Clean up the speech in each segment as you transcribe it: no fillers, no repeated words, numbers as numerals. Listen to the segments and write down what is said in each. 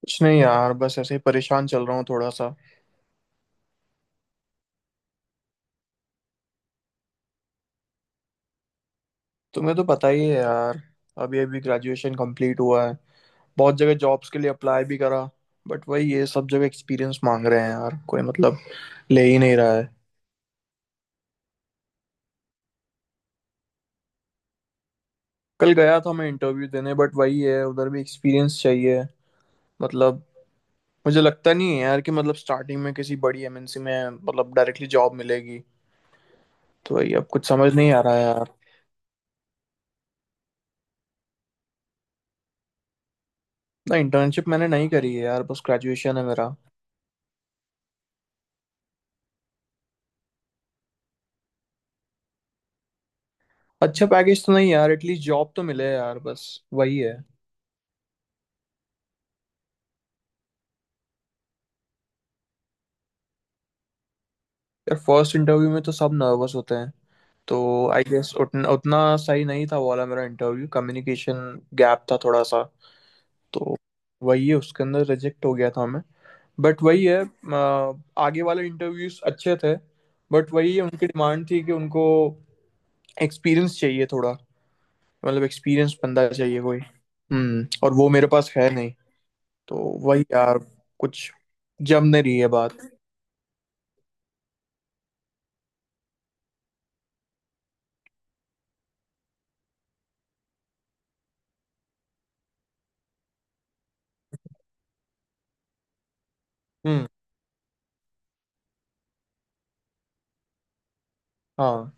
कुछ नहीं यार, बस ऐसे ही परेशान चल रहा हूँ थोड़ा सा। तुम्हें तो पता ही है यार। अभी अभी ग्रेजुएशन कंप्लीट हुआ है। बहुत जगह जॉब्स के लिए अप्लाई भी करा, बट वही, ये सब जगह एक्सपीरियंस मांग रहे हैं यार, कोई मतलब ले ही नहीं रहा है। कल गया था मैं इंटरव्यू देने, बट वही है, उधर भी एक्सपीरियंस चाहिए। मतलब मुझे लगता नहीं है यार कि मतलब स्टार्टिंग में किसी बड़ी एमएनसी में मतलब डायरेक्टली जॉब मिलेगी। तो वही, अब कुछ समझ नहीं आ रहा है यार। ना, इंटर्नशिप मैंने नहीं करी है यार, बस ग्रेजुएशन है मेरा। अच्छा पैकेज तो नहीं यार, एटलीस्ट जॉब तो मिले यार, बस वही है। यार फर्स्ट इंटरव्यू में तो सब नर्वस होते हैं तो। आई गेस उतना उतना सही नहीं था वो वाला मेरा इंटरव्यू, कम्युनिकेशन गैप था थोड़ा सा तो। वही है, उसके अंदर रिजेक्ट हो गया था मैं। बट वही है, आगे वाले इंटरव्यूज अच्छे थे। बट वही है, उनकी डिमांड थी कि उनको एक्सपीरियंस चाहिए थोड़ा, मतलब एक्सपीरियंस बंदा चाहिए कोई। और वो मेरे पास है नहीं। तो वही यार, कुछ जम नहीं रही है बात। हम्म। हाँ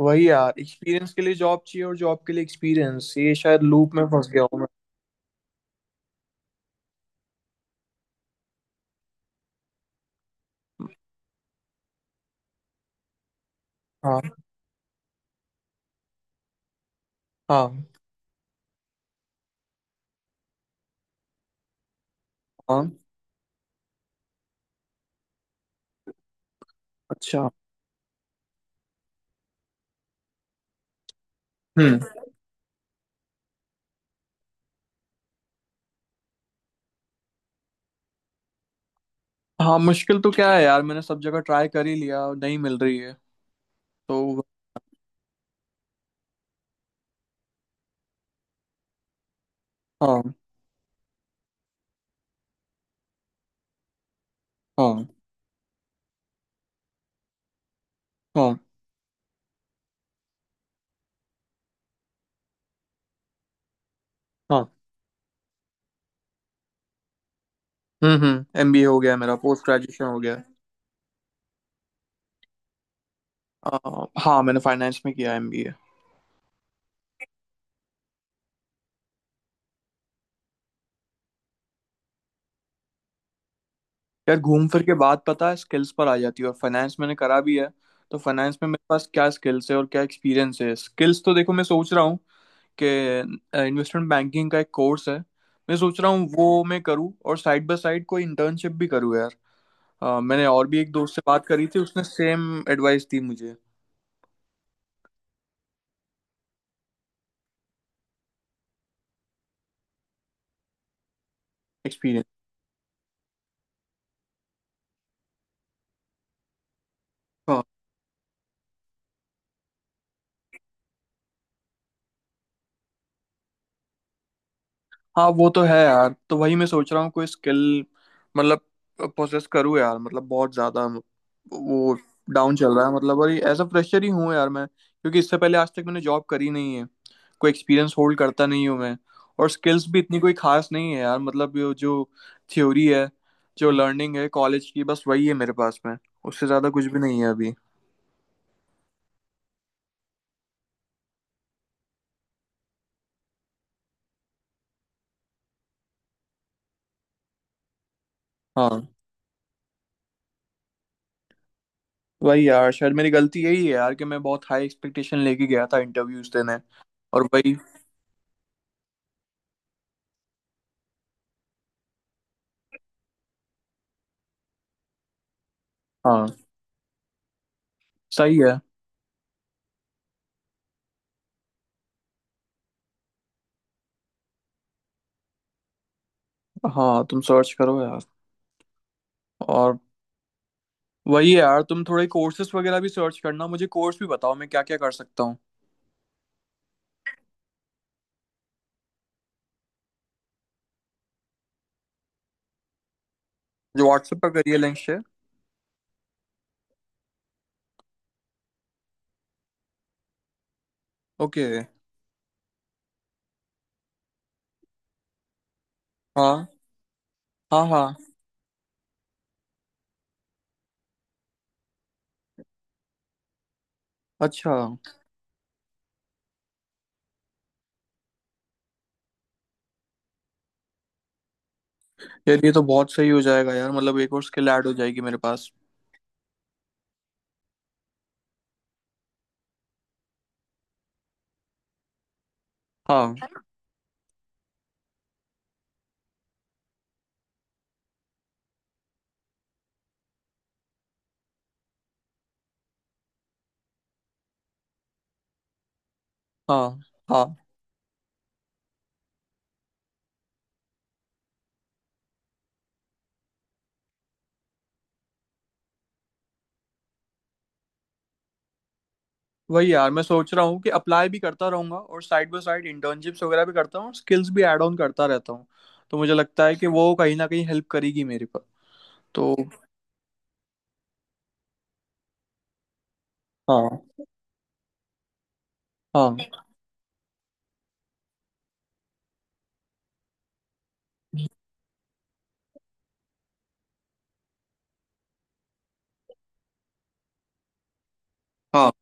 वही यार, एक्सपीरियंस के लिए जॉब चाहिए और जॉब के लिए एक्सपीरियंस, ये शायद लूप में फंस गया हूँ मैं। हाँ। हाँ। हाँ। अच्छा। हम्म। हाँ, मुश्किल तो क्या है यार, मैंने सब जगह ट्राई कर ही लिया और नहीं मिल रही है। तो। हाँ। हाँ। हाँ। हाँ। हम्म, हम्म, एमबीए हो गया मेरा, पोस्ट ग्रेजुएशन हो गया। हाँ, मैंने फाइनेंस में किया एमबीए। यार घूम फिर के बात पता है स्किल्स पर आ जाती है, और फाइनेंस मैंने करा भी है। तो फाइनेंस में मेरे पास क्या स्किल्स है और क्या एक्सपीरियंस है? स्किल्स तो देखो, मैं सोच रहा हूँ कि इन्वेस्टमेंट बैंकिंग का एक कोर्स है। मैं सोच रहा हूँ वो मैं करूँ, और साइड बाय साइड कोई इंटर्नशिप भी करूँ यार। मैंने और भी एक दोस्त से बात करी थी, उसने सेम एडवाइस दी मुझे। एक्सपीरियंस। हाँ वो तो है यार, तो वही मैं सोच रहा हूँ कोई स्किल मतलब पोसेस करूँ यार, मतलब बहुत ज्यादा वो डाउन चल रहा है, मतलब और एज अ फ्रेशर ही हूँ यार मैं, क्योंकि इससे पहले आज तक मैंने जॉब करी नहीं है, कोई एक्सपीरियंस होल्ड करता नहीं हूँ मैं। और स्किल्स भी इतनी कोई खास नहीं है यार, मतलब ये जो थ्योरी है, जो लर्निंग है कॉलेज की, बस वही है मेरे पास में। उससे ज़्यादा कुछ भी नहीं है अभी। हाँ वही यार, शायद मेरी गलती यही है यार कि मैं बहुत हाई एक्सपेक्टेशन लेके गया था इंटरव्यूज देने, और वही। हाँ सही है। हाँ, तुम सर्च करो यार। और वही है यार, तुम थोड़े कोर्सेज वगैरह भी सर्च करना, मुझे कोर्स भी बताओ, मैं क्या क्या कर सकता हूँ। जो व्हाट्सएप पर करिए लिंक शेयर। ओके। हाँ। हाँ। हाँ। अच्छा। यार ये तो बहुत सही हो जाएगा यार, मतलब एक और स्किल ऐड हो जाएगी मेरे पास। हाँ। हाँ। हाँ। वही यार, मैं सोच रहा हूँ कि अप्लाई भी करता रहूंगा और साइड बाय साइड इंटर्नशिप्स वगैरह भी करता हूँ, स्किल्स भी ऐड ऑन करता रहता हूँ। तो मुझे लगता है कि वो कहीं ना कहीं हेल्प करेगी मेरे पर। तो। हाँ। हाँ। हाँ।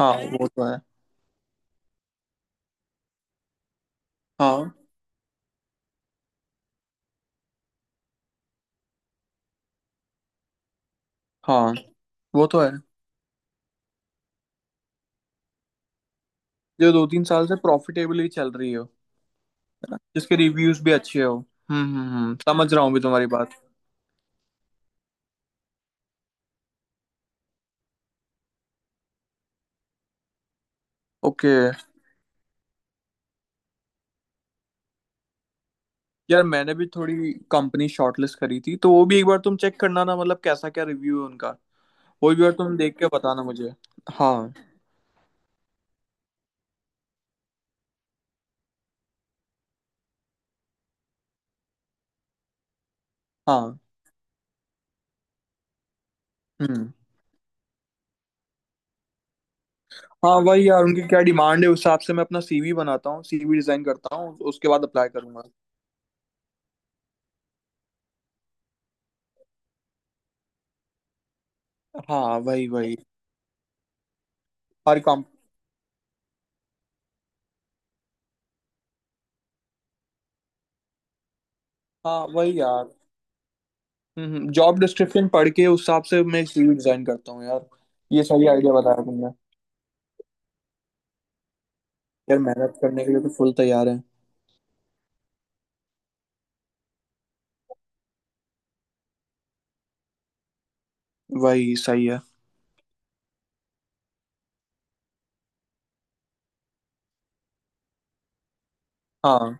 हाँ। वो तो है। हाँ। हाँ। वो तो है, जो 2-3 साल से प्रॉफिटेबली चल रही हो, है ना, जिसके रिव्यूज भी अच्छे हो। हम्म, हम्म, हम्म, समझ रहा हूँ भी तुम्हारी बात। ओके। यार मैंने भी थोड़ी कंपनी शॉर्टलिस्ट करी थी, तो वो भी एक बार तुम चेक करना ना, मतलब कैसा क्या रिव्यू है उनका। वो भी एक बार तुम देख के बताना मुझे। हाँ। हाँ। हम्म। हाँ वही यार, उनकी क्या डिमांड है, उस हिसाब से मैं अपना सीवी बनाता हूँ, सीवी डिजाइन करता हूँ, उसके बाद अप्लाई करूंगा। हाँ वही वही। हर कम हाँ वही यार। जॉब डिस्क्रिप्शन पढ़ के उस हिसाब से मैं एक सीवी डिजाइन करता हूँ यार। ये सही आइडिया बताया तुमने। यार मेहनत करने के लिए तो फुल तैयार है। वही सही है। हाँ।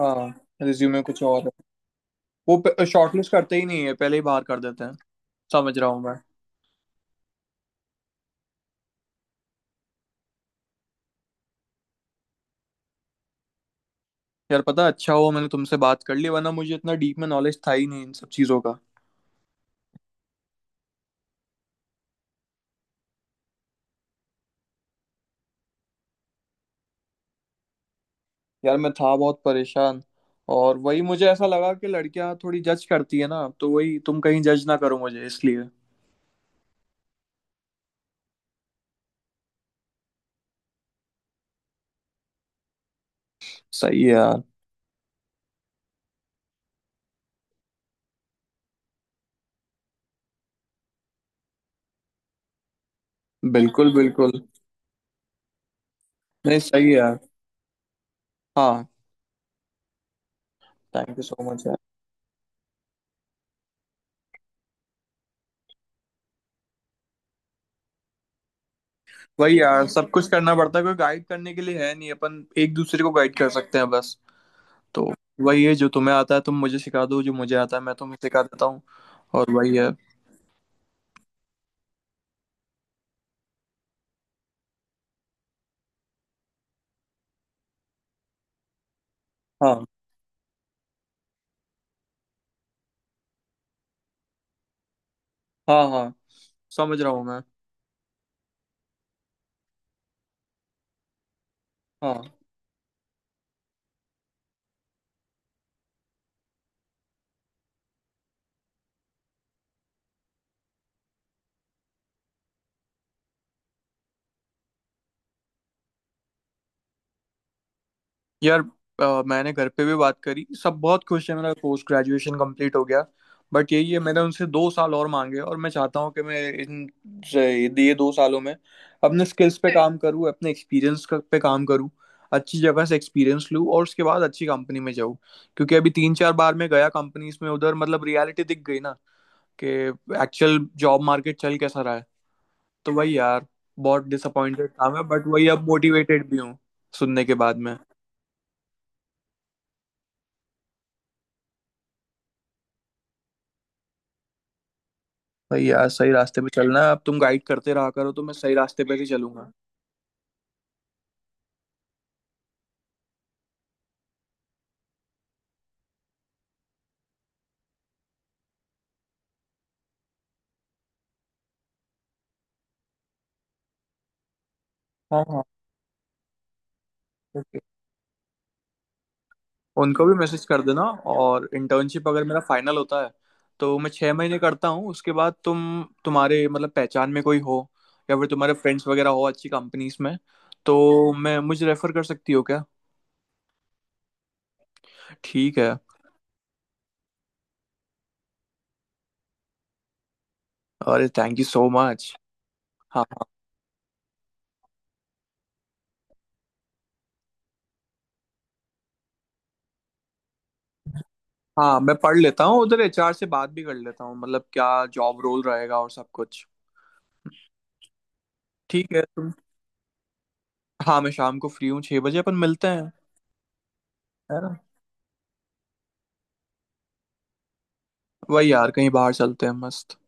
हाँ। रिज्यूमे कुछ और है। वो शॉर्टलिस्ट करते ही नहीं है, पहले ही बाहर कर देते हैं। समझ रहा हूँ मैं। यार पता है, अच्छा हुआ मैंने तुमसे बात कर ली, वरना मुझे इतना डीप में नॉलेज था ही नहीं इन सब चीज़ों का। यार मैं था बहुत परेशान। और वही मुझे ऐसा लगा कि लड़कियां थोड़ी जज करती है ना, तो वही तुम कहीं जज ना करो मुझे इसलिए। सही है यार। बिल्कुल, बिल्कुल। नहीं, सही है यार। हाँ। थैंक यू सो मच यार। वही यार, सब कुछ करना पड़ता है, कोई गाइड करने के लिए है नहीं, अपन एक दूसरे को गाइड कर सकते हैं बस। तो वही है, जो तुम्हें आता है तुम मुझे सिखा दो, जो मुझे आता है मैं तुम्हें सिखा देता हूँ। और वही है। हाँ। हाँ। हाँ। समझ रहा हूँ मैं। हाँ। यार मैंने घर पे भी बात करी, सब बहुत खुश है, मेरा पोस्ट ग्रेजुएशन कंप्लीट हो गया। बट यही है, मैंने उनसे 2 साल और मांगे, और मैं चाहता हूँ कि मैं से- ये 2 सालों में अपने स्किल्स पे काम करूँ, अपने एक्सपीरियंस पे काम करूँ, अच्छी जगह से एक्सपीरियंस लूँ और उसके बाद अच्छी कंपनी में जाऊँ। क्योंकि अभी 3-4 बार मैं गया कंपनीज में उधर, मतलब रियलिटी दिख गई ना कि एक्चुअल जॉब मार्केट चल कैसा रहा है। तो वही यार, बहुत डिसअपॉइंटेड था मैं, बट वही अब मोटिवेटेड भी हूँ सुनने के बाद में। भाई यार सही रास्ते पे चलना है, अब तुम गाइड करते रहा करो तो मैं सही रास्ते पे ही चलूंगा। हाँ। हाँ। ओके। उनको भी मैसेज कर देना। और इंटर्नशिप अगर मेरा फाइनल होता है तो मैं 6 महीने करता हूँ, उसके बाद तुम, तुम्हारे मतलब पहचान में कोई हो, या फिर तुम्हारे फ्रेंड्स वगैरह हो अच्छी कंपनीज में, तो मैं, मुझे रेफर कर सकती हो क्या? ठीक है। अरे थैंक यू सो मच। हाँ। हाँ मैं पढ़ लेता हूँ, उधर एचआर से बात भी कर लेता हूँ, मतलब क्या जॉब रोल रहेगा और सब कुछ। ठीक है तुम। हाँ, मैं शाम को फ्री हूँ, 6 बजे अपन मिलते हैं। है ना, वही यार कहीं बाहर चलते हैं मस्त।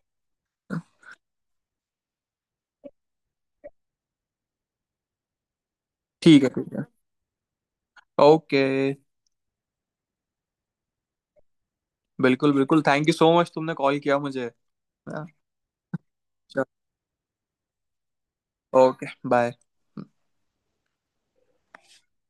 ठीक है, ठीक है। ओके। बिल्कुल, बिल्कुल, थैंक यू सो मच तुमने कॉल किया मुझे। हाँ। चल। Okay bye.